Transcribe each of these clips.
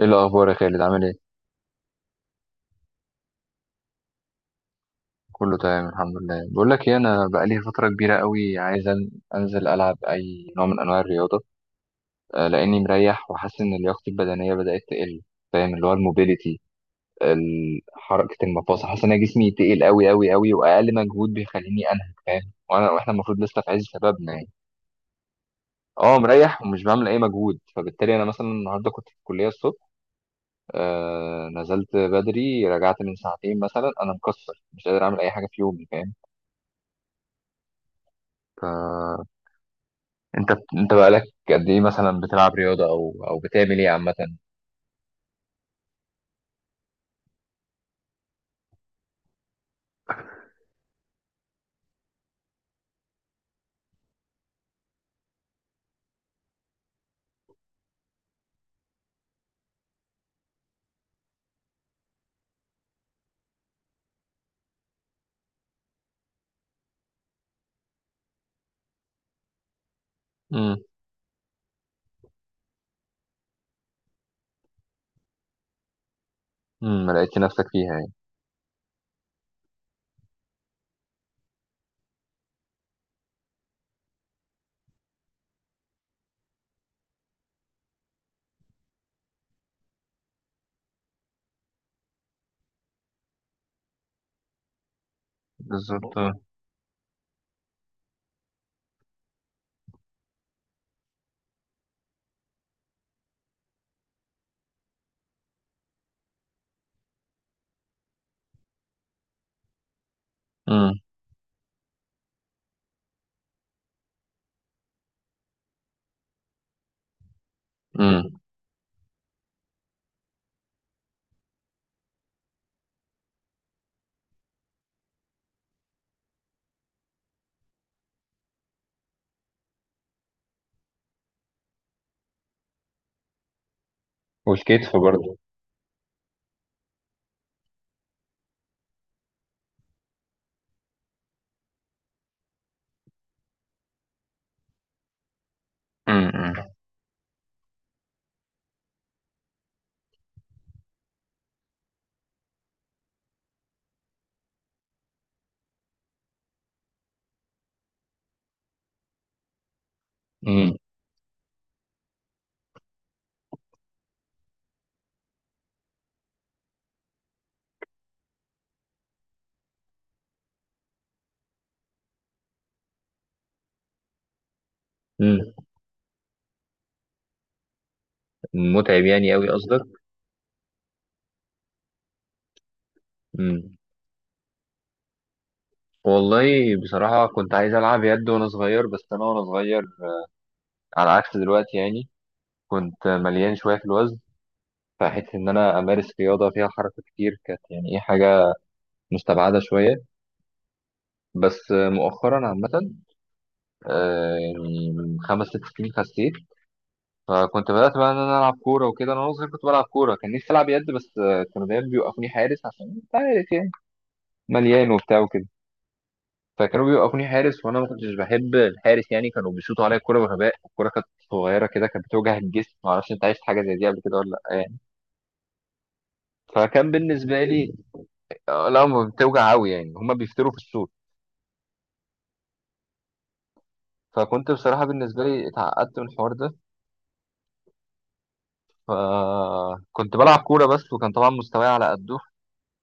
ايه الاخبار يا خالد؟ عامل ايه؟ كله تمام الحمد لله. بقول لك ايه، انا بقالي فتره كبيره قوي عايز انزل العب اي نوع من انواع الرياضه. آه، لاني مريح وحاسس ان لياقتي البدنيه بدات تقل. فاهم؟ اللي هو الموبيليتي، حركه المفاصل. حاسس ان أنا جسمي تقل قوي قوي قوي، واقل مجهود بيخليني انهك. فاهم؟ وانا واحنا المفروض لسه في عز شبابنا يعني. اه، مريح ومش بعمل اي مجهود، فبالتالي انا مثلا النهارده كنت في الكليه الصبح. آه، نزلت بدري رجعت من ساعتين مثلا، انا مكسر مش قادر اعمل اي حاجه في يومي. فاهم؟ ف انت انت بقالك قد ايه مثلا بتلعب رياضة او بتعمل ايه عامة؟ امم. امم، ما لقيتش نفسك فيها يعني؟ بالظبط. امم. امم. والكتف برضه. امم. امم. امم. متعب يعني قوي قصدك؟ امم. والله بصراحة كنت عايز ألعب يد وأنا صغير، بس أنا وأنا صغير على عكس دلوقتي يعني كنت مليان شوية في الوزن. فحيث إن أنا أمارس رياضة فيها حركة كتير، كانت يعني إيه، حاجة مستبعدة شوية. بس مؤخرا عامة، آه، يعني من 5 6 سنين خسيت، فكنت بدأت بقى إن أنا ألعب كورة وكده. أنا وأنا صغير كنت بلعب كورة، كان نفسي ألعب يد بس آه، كانوا دايما بيوقفوني حارس عشان أنت عارف يعني، مليان وبتاع وكده. فكانوا بيوقفوني حارس وأنا ما كنتش بحب الحارس يعني. كانوا بيشوطوا عليا الكورة بغباء، الكورة كانت صغيرة كده كانت بتوجع الجسم. معرفش أنت عشت حاجة زي دي قبل كده ولا لأ يعني. فكان بالنسبة لي آه، لا ما بتوجع أوي يعني، هما بيفتروا في الصوت. فكنت بصراحة بالنسبة لي اتعقدت من الحوار ده. فكنت بلعب كورة بس، وكان طبعا مستواي على قده.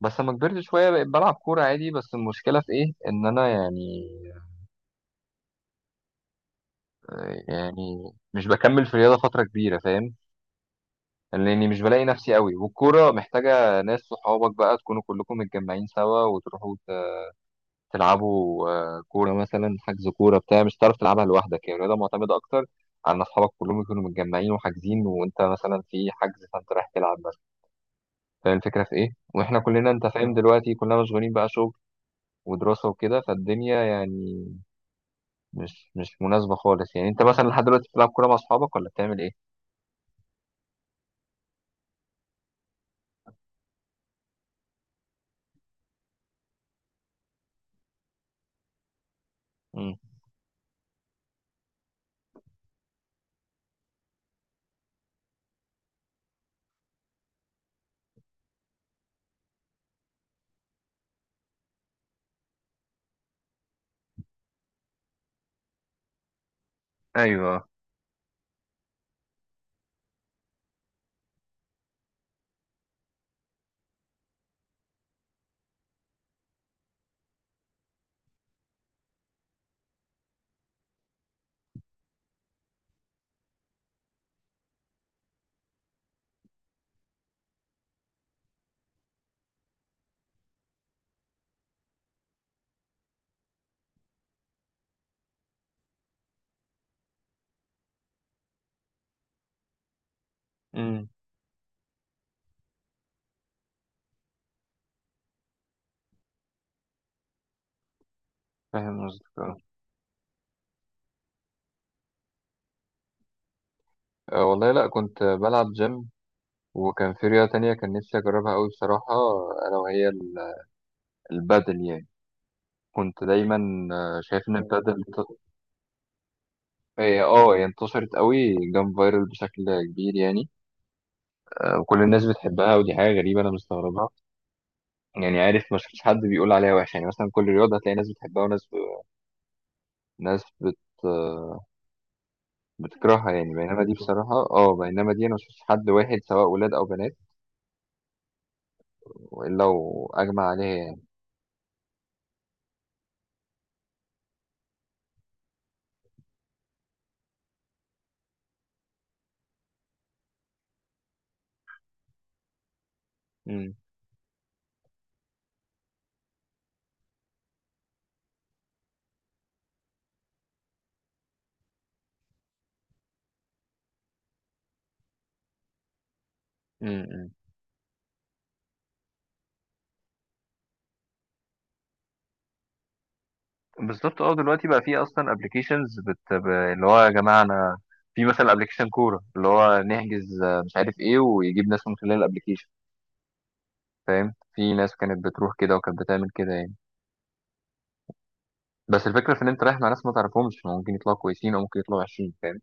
بس لما كبرت شوية بقيت بلعب كورة عادي، بس المشكلة في إيه؟ إن أنا يعني، يعني مش بكمل في الرياضة فترة كبيرة. فاهم؟ لأني مش بلاقي نفسي قوي، والكورة محتاجة ناس، صحابك بقى تكونوا كلكم متجمعين سوا وتروحوا تلعبوا آه، كورة مثلا. حجز كورة بتاع، مش هتعرف تلعبها لوحدك. هي الرياضة معتمدة أكتر على إن أصحابك كلهم يكونوا متجمعين وحاجزين، وأنت مثلا في حجز فأنت رايح تلعب مثلا. فاهم الفكرة في إيه؟ وإحنا كلنا أنت فاهم دلوقتي كلنا مشغولين بقى شغل ودراسة وكده، فالدنيا يعني مش مناسبة خالص يعني. انت مثلا لحد دلوقتي بتلعب كورة مع اصحابك ولا بتعمل ايه؟ امم. ايوه. امم. فاهم قصدك، اه. اه، والله لا، كنت بلعب جيم. وكان في رياضة تانية كان نفسي اجربها قوي بصراحة، الا وهي البادل يعني. كنت دايما اه، شايف ان البادل آه، هي اه هي انتشرت قوي، جام فايرال بشكل كبير يعني. اه، وكل الناس بتحبها ودي حاجة غريبة انا مستغربها. يعني عارف، ما شفتش حد بيقول عليها وحش يعني. مثلا كل رياضة هتلاقي ناس بتحبها وناس ب... ناس بت آه، بتكرهها يعني. بينما دي بصراحة اه بينما دي أنا مشفتش حد واحد سواء ولاد أو بنات إلا وأجمع عليها يعني. مم. مم. مم. بالظبط، اه دلوقتي بقى في اصلا ابلكيشنز اللي هو يا جماعه انا، في مثلا ابلكيشن كوره اللي هو نحجز آه، مش عارف ايه، ويجيب ناس من خلال الابلكيشن. فاهم؟ في ناس كانت بتروح كده وكانت بتعمل كده يعني. بس الفكره في ان انت رايح مع ناس ما تعرفهمش، ممكن يطلعوا كويسين او ممكن يطلعوا وحشين. فاهم؟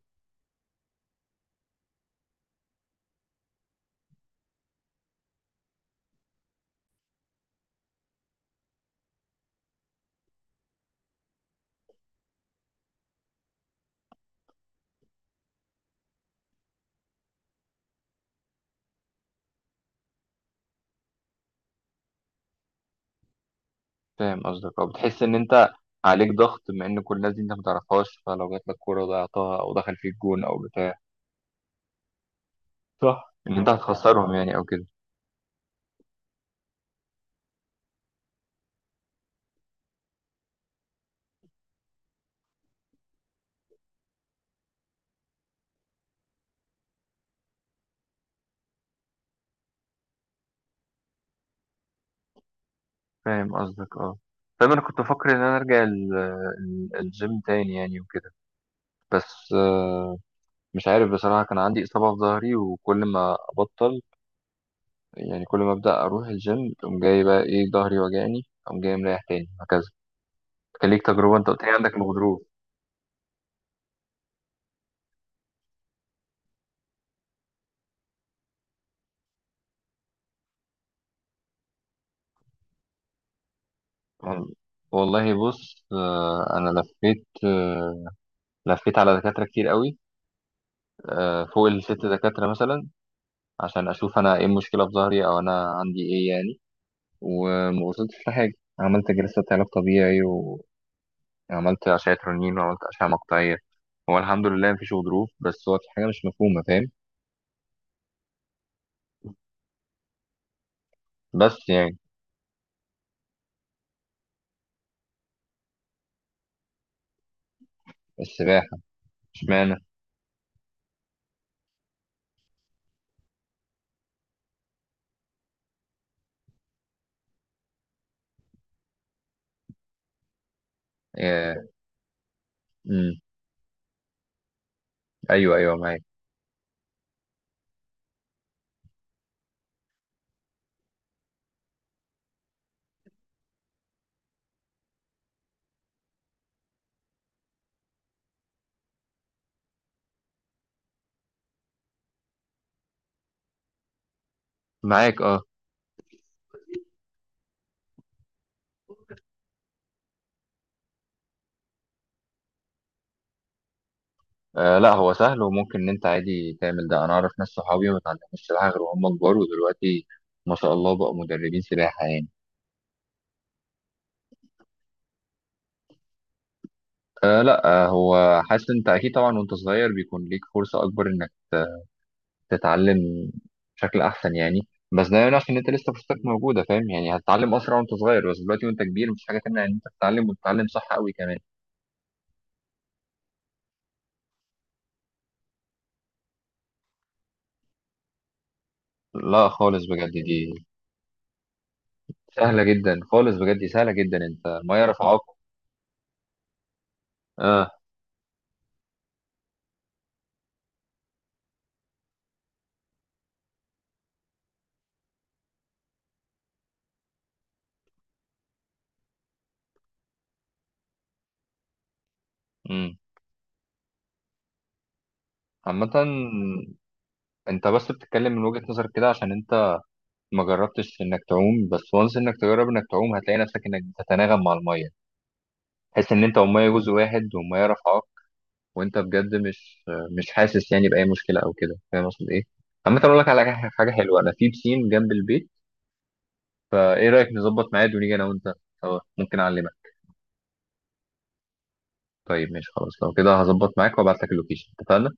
فاهم قصدك، اه. بتحس ان انت عليك ضغط، بما ان كل الناس دي انت ما تعرفهاش، فلو جات لك كوره ضيعتها او دخل فيك جون او بتاع، صح ان انت هتخسرهم يعني او كده. فاهم قصدك، اه. فاهم، انا كنت بفكر ان انا ارجع الجيم تاني يعني وكده. بس آه، مش عارف بصراحه، كان عندي اصابه في ظهري وكل ما ابطل يعني، كل ما ابدا اروح الجيم تقوم جاي بقى ايه ظهري وجعني، اقوم جاي مريح تاني، وهكذا. كان ليك تجربه انت قلت لي عندك الغضروف. وال- والله بص، آه، انا لفيت آه، لفيت على دكاترة كتير قوي، آه، فوق ال6 دكاترة مثلا، عشان أشوف أنا إيه المشكلة في ظهري أو أنا عندي إيه يعني. وما وصلتش لحاجة. عملت جلسة علاج طبيعي، وعملت أشعة رنين، وعملت أشعة مقطعية. هو الحمد لله مفيش غضروف، بس هو في حاجة مش مفهومة. فاهم؟ بس يعني. السباحة؟ اشمعنى؟ آه، مم، أيوه أيوه معاك. معاك، أه. آه، لا هو سهل وممكن إن أنت عادي تعمل ده. أنا أعرف ناس صحابي ما اتعلموش السباحة غير وهم كبار، ودلوقتي ما شاء الله بقوا مدربين سباحة يعني. أه لا، أه هو حاسس انت اكيد، طبعا وانت صغير بيكون ليك فرصة اكبر انك تتعلم بشكل احسن يعني، بس ده يمنعش ان انت لسه فرصتك موجودة. فاهم يعني؟ هتتعلم اسرع وانت صغير، بس دلوقتي وانت كبير مش حاجة تمنع ان انت تتعلم، وتتعلم صح قوي كمان. لا خالص بجد، دي سهلة جدا خالص، بجد دي سهلة جدا، انت ما يعرف عاقل. اه. امم. عامة انت بس بتتكلم من وجهة نظرك كده عشان انت ما جربتش انك تعوم. بس وانس انك تجرب انك تعوم، هتلاقي نفسك انك بتتناغم مع المية، تحس ان انت ومية جزء واحد، ومية رافعاك، وانت بجد مش حاسس يعني باي مشكله او كده. فاهم اقصد ايه؟ عامه اقول لك على حاجه، حاجة حلوه، انا في بسين جنب البيت، فايه رايك نظبط ميعاد ونيجي انا وانت سوا، ممكن اعلمك. طيب ماشي خلاص، لو كده هظبط معاك وابعت لك اللوكيشن. اتفقنا؟